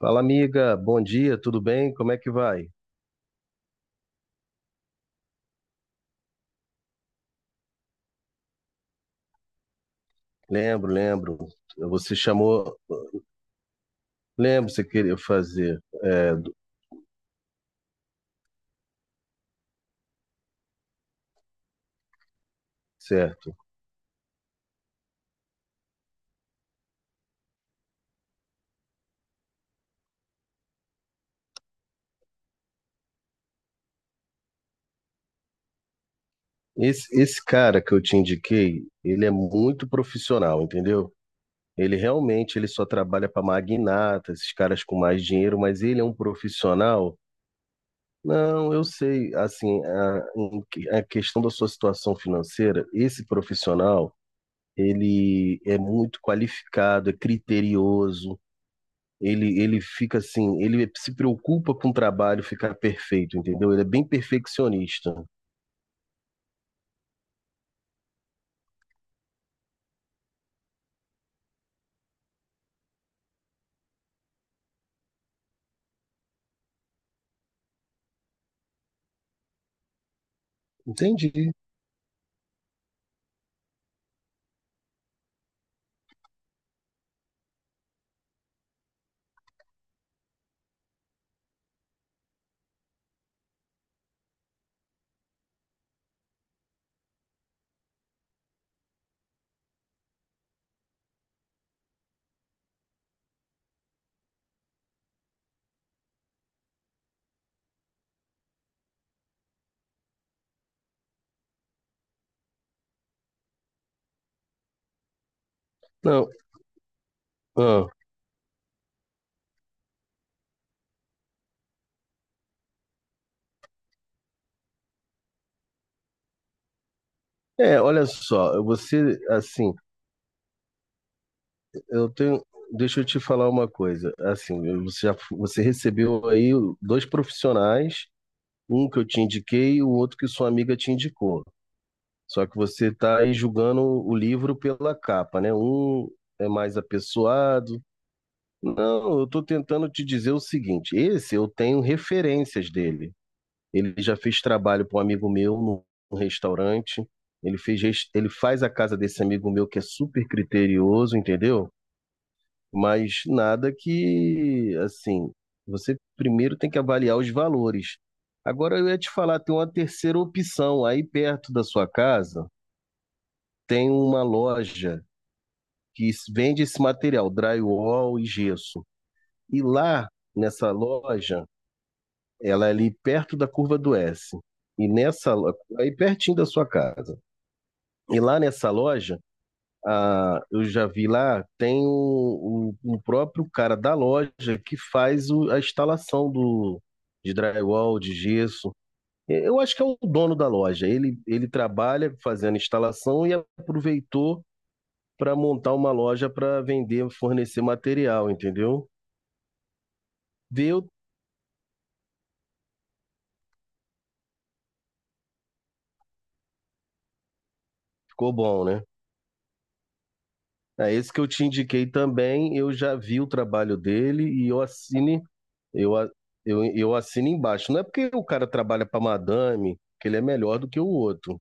Fala, amiga. Bom dia, tudo bem? Como é que vai? Lembro, lembro. Você chamou. Lembro, você queria fazer. Certo. Esse cara que eu te indiquei, ele é muito profissional, entendeu? Ele realmente ele só trabalha para magnata, esses caras com mais dinheiro, mas ele é um profissional. Não, eu sei, assim, a questão da sua situação financeira, esse profissional, ele é muito qualificado, é criterioso. Ele fica assim, ele se preocupa com o trabalho ficar perfeito, entendeu? Ele é bem perfeccionista. Entendi. Não, ah, é, olha só, você, assim, eu tenho, deixa eu te falar uma coisa. Assim, você já, você recebeu aí dois profissionais, um que eu te indiquei e o outro que sua amiga te indicou. Só que você está aí julgando o livro pela capa, né? Um é mais apessoado. Não, eu estou tentando te dizer o seguinte: esse eu tenho referências dele. Ele já fez trabalho para um amigo meu num restaurante. Ele faz a casa desse amigo meu que é super criterioso, entendeu? Mas nada que, assim, você primeiro tem que avaliar os valores. Agora eu ia te falar, tem uma terceira opção. Aí perto da sua casa tem uma loja vende esse material, drywall e gesso. E lá nessa loja. Ela é ali perto da curva do S. E nessa, aí pertinho da sua casa. E lá nessa loja, ah, eu já vi lá, tem o próprio cara da loja que faz a instalação de drywall, de gesso. E eu acho que é o dono da loja. Ele trabalha fazendo instalação e aproveitou para montar uma loja para vender, fornecer material, entendeu? Deu, ficou bom, né? É, esse que eu te indiquei também, eu já vi o trabalho dele e eu assine, eu, a- eu assino embaixo. Não é porque o cara trabalha para madame que ele é melhor do que o outro.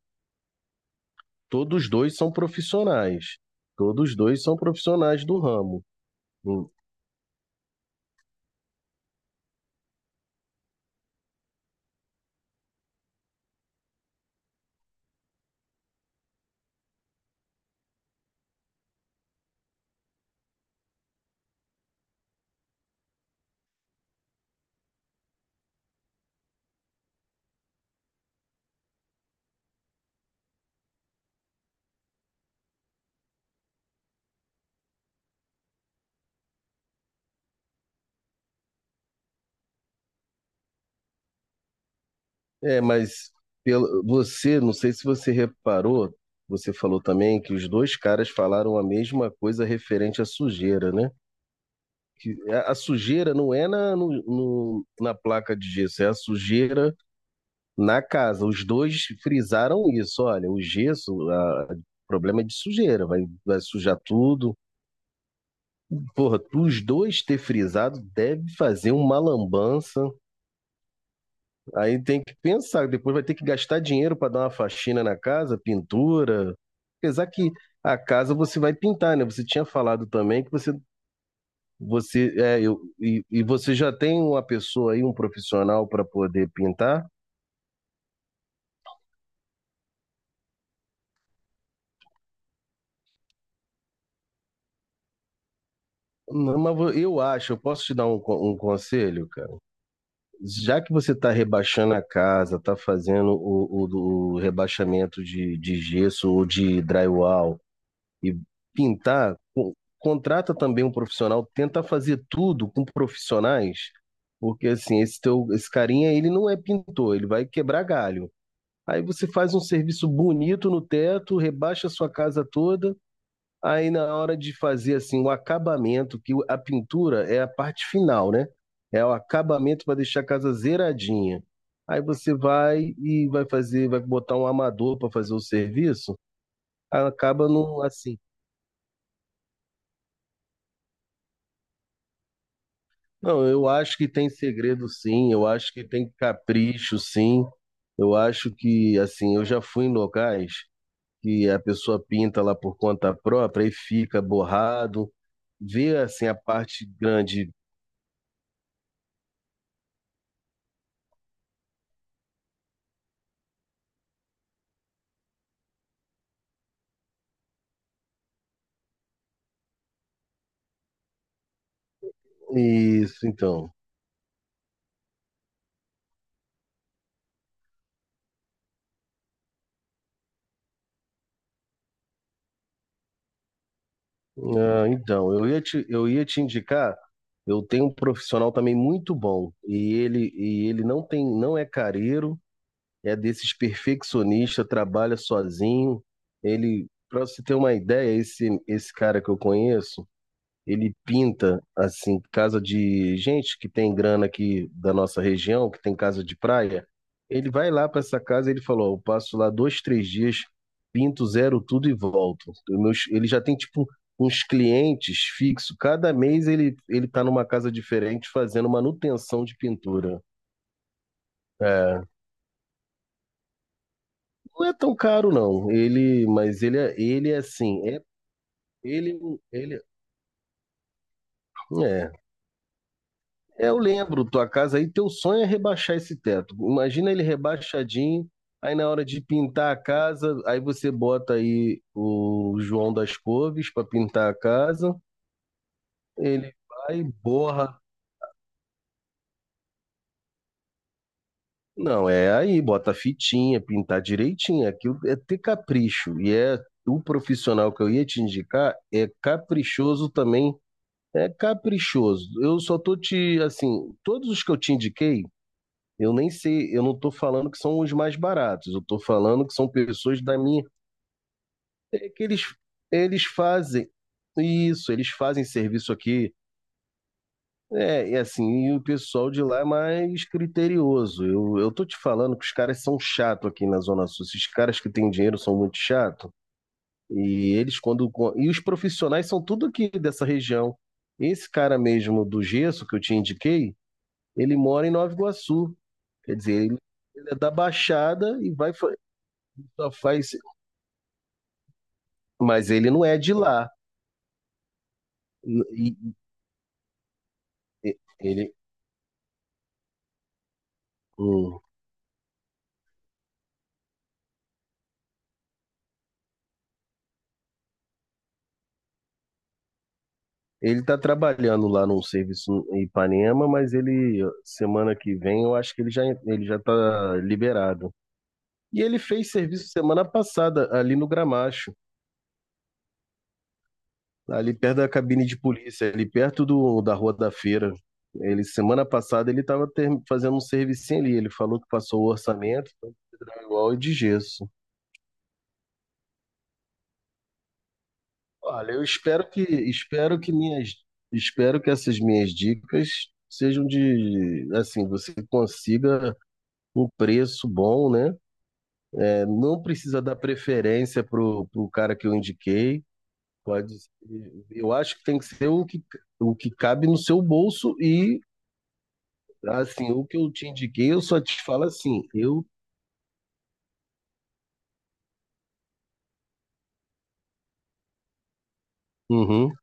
Todos dois são profissionais. Todos dois são profissionais do ramo. Hum. É, mas pelo, você, não sei se você reparou, você falou também que os dois caras falaram a mesma coisa referente à sujeira, né? Que a sujeira não é na, no, no- na placa de gesso, é a sujeira na casa. Os dois frisaram isso. Olha, o gesso, a, problema é de sujeira, vai sujar tudo. Porra, os dois ter frisado deve fazer uma lambança. Aí tem que pensar, depois vai ter que gastar dinheiro para dar uma faxina na casa, pintura. Apesar que a casa você vai pintar, né? Você tinha falado também que você você é, eu, e você já tem uma pessoa aí, um profissional para poder pintar? Não, mas eu acho, eu posso te dar um conselho, cara? Já que você está rebaixando a casa, está fazendo o rebaixamento de gesso ou de drywall e pintar, contrata também um profissional, tenta fazer tudo com profissionais, porque assim, esse carinha, ele não é pintor, ele vai quebrar galho. Aí você faz um serviço bonito no teto, rebaixa a sua casa toda. Aí na hora de fazer assim o acabamento, que a pintura é a parte final, né? É o acabamento para deixar a casa zeradinha. Aí você vai e vai fazer, vai botar um amador para fazer o serviço, aí acaba não assim. Não, eu acho que tem segredo sim, eu acho que tem capricho sim. Eu acho que assim, eu já fui em locais que a pessoa pinta lá por conta própria e fica borrado, vê assim a parte grande. Isso, então. Ah, então, eu ia te indicar, eu tenho um profissional também muito bom, e ele não tem, não é careiro, é desses perfeccionista, trabalha sozinho. Ele, para você ter uma ideia, esse cara que eu conheço, ele pinta, assim, casa de gente que tem grana aqui da nossa região, que tem casa de praia. Ele vai lá para essa casa, ele falou, ó, eu passo lá dois, três dias, pinto, zero tudo e volto. Ele já tem, tipo, uns clientes fixos. Cada mês ele tá numa casa diferente fazendo manutenção de pintura. É, não é tão caro, não. Ele é assim, ele, ele, é, é, eu lembro, tua casa aí, teu sonho é rebaixar esse teto. Imagina ele rebaixadinho, aí na hora de pintar a casa, aí você bota aí o João das Couves para pintar a casa, ele vai e borra. Não, é aí, bota fitinha, pintar direitinho. Aquilo é ter capricho. E é o profissional que eu ia te indicar, é caprichoso também. É caprichoso. Eu só tô te, assim, todos os que eu te indiquei, eu nem sei, eu não estou falando que são os mais baratos, eu estou falando que são pessoas da minha. É que eles, eles fazem isso, eles fazem serviço aqui. É, e assim, e o pessoal de lá é mais criterioso. Eu tô te falando que os caras são chato aqui na Zona Sul. Esses caras que têm dinheiro são muito chato. E eles, quando. E os profissionais são tudo aqui dessa região. Esse cara mesmo do gesso que eu te indiquei, ele mora em Nova Iguaçu. Quer dizer, ele é da Baixada e vai, só faz. Mas ele não é de lá. Ele, hum, ele tá trabalhando lá num serviço em Ipanema, mas ele, semana que vem, eu acho que ele já tá liberado. E ele fez serviço semana passada, ali no Gramacho, ali perto da cabine de polícia, ali perto da Rua da Feira. Ele, semana passada, ele estava fazendo um servicinho ali. Ele falou que passou o orçamento, tanto de drywall e de gesso. Olha, eu espero que minhas espero que essas minhas dicas sejam de assim, você consiga um preço bom, né? É, não precisa dar preferência pro cara que eu indiquei. Pode ser- eu acho que tem que ser o que cabe no seu bolso e assim, o que eu te indiquei, eu só te falo assim, eu. Uhum.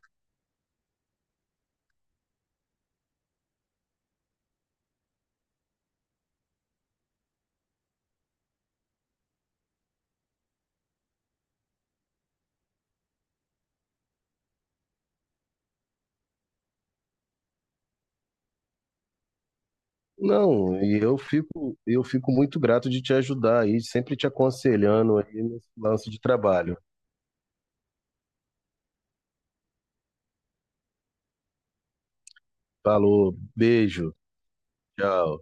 Não, e eu fico muito grato de te ajudar aí, sempre te aconselhando aí nesse lance de trabalho. Falou, beijo, tchau.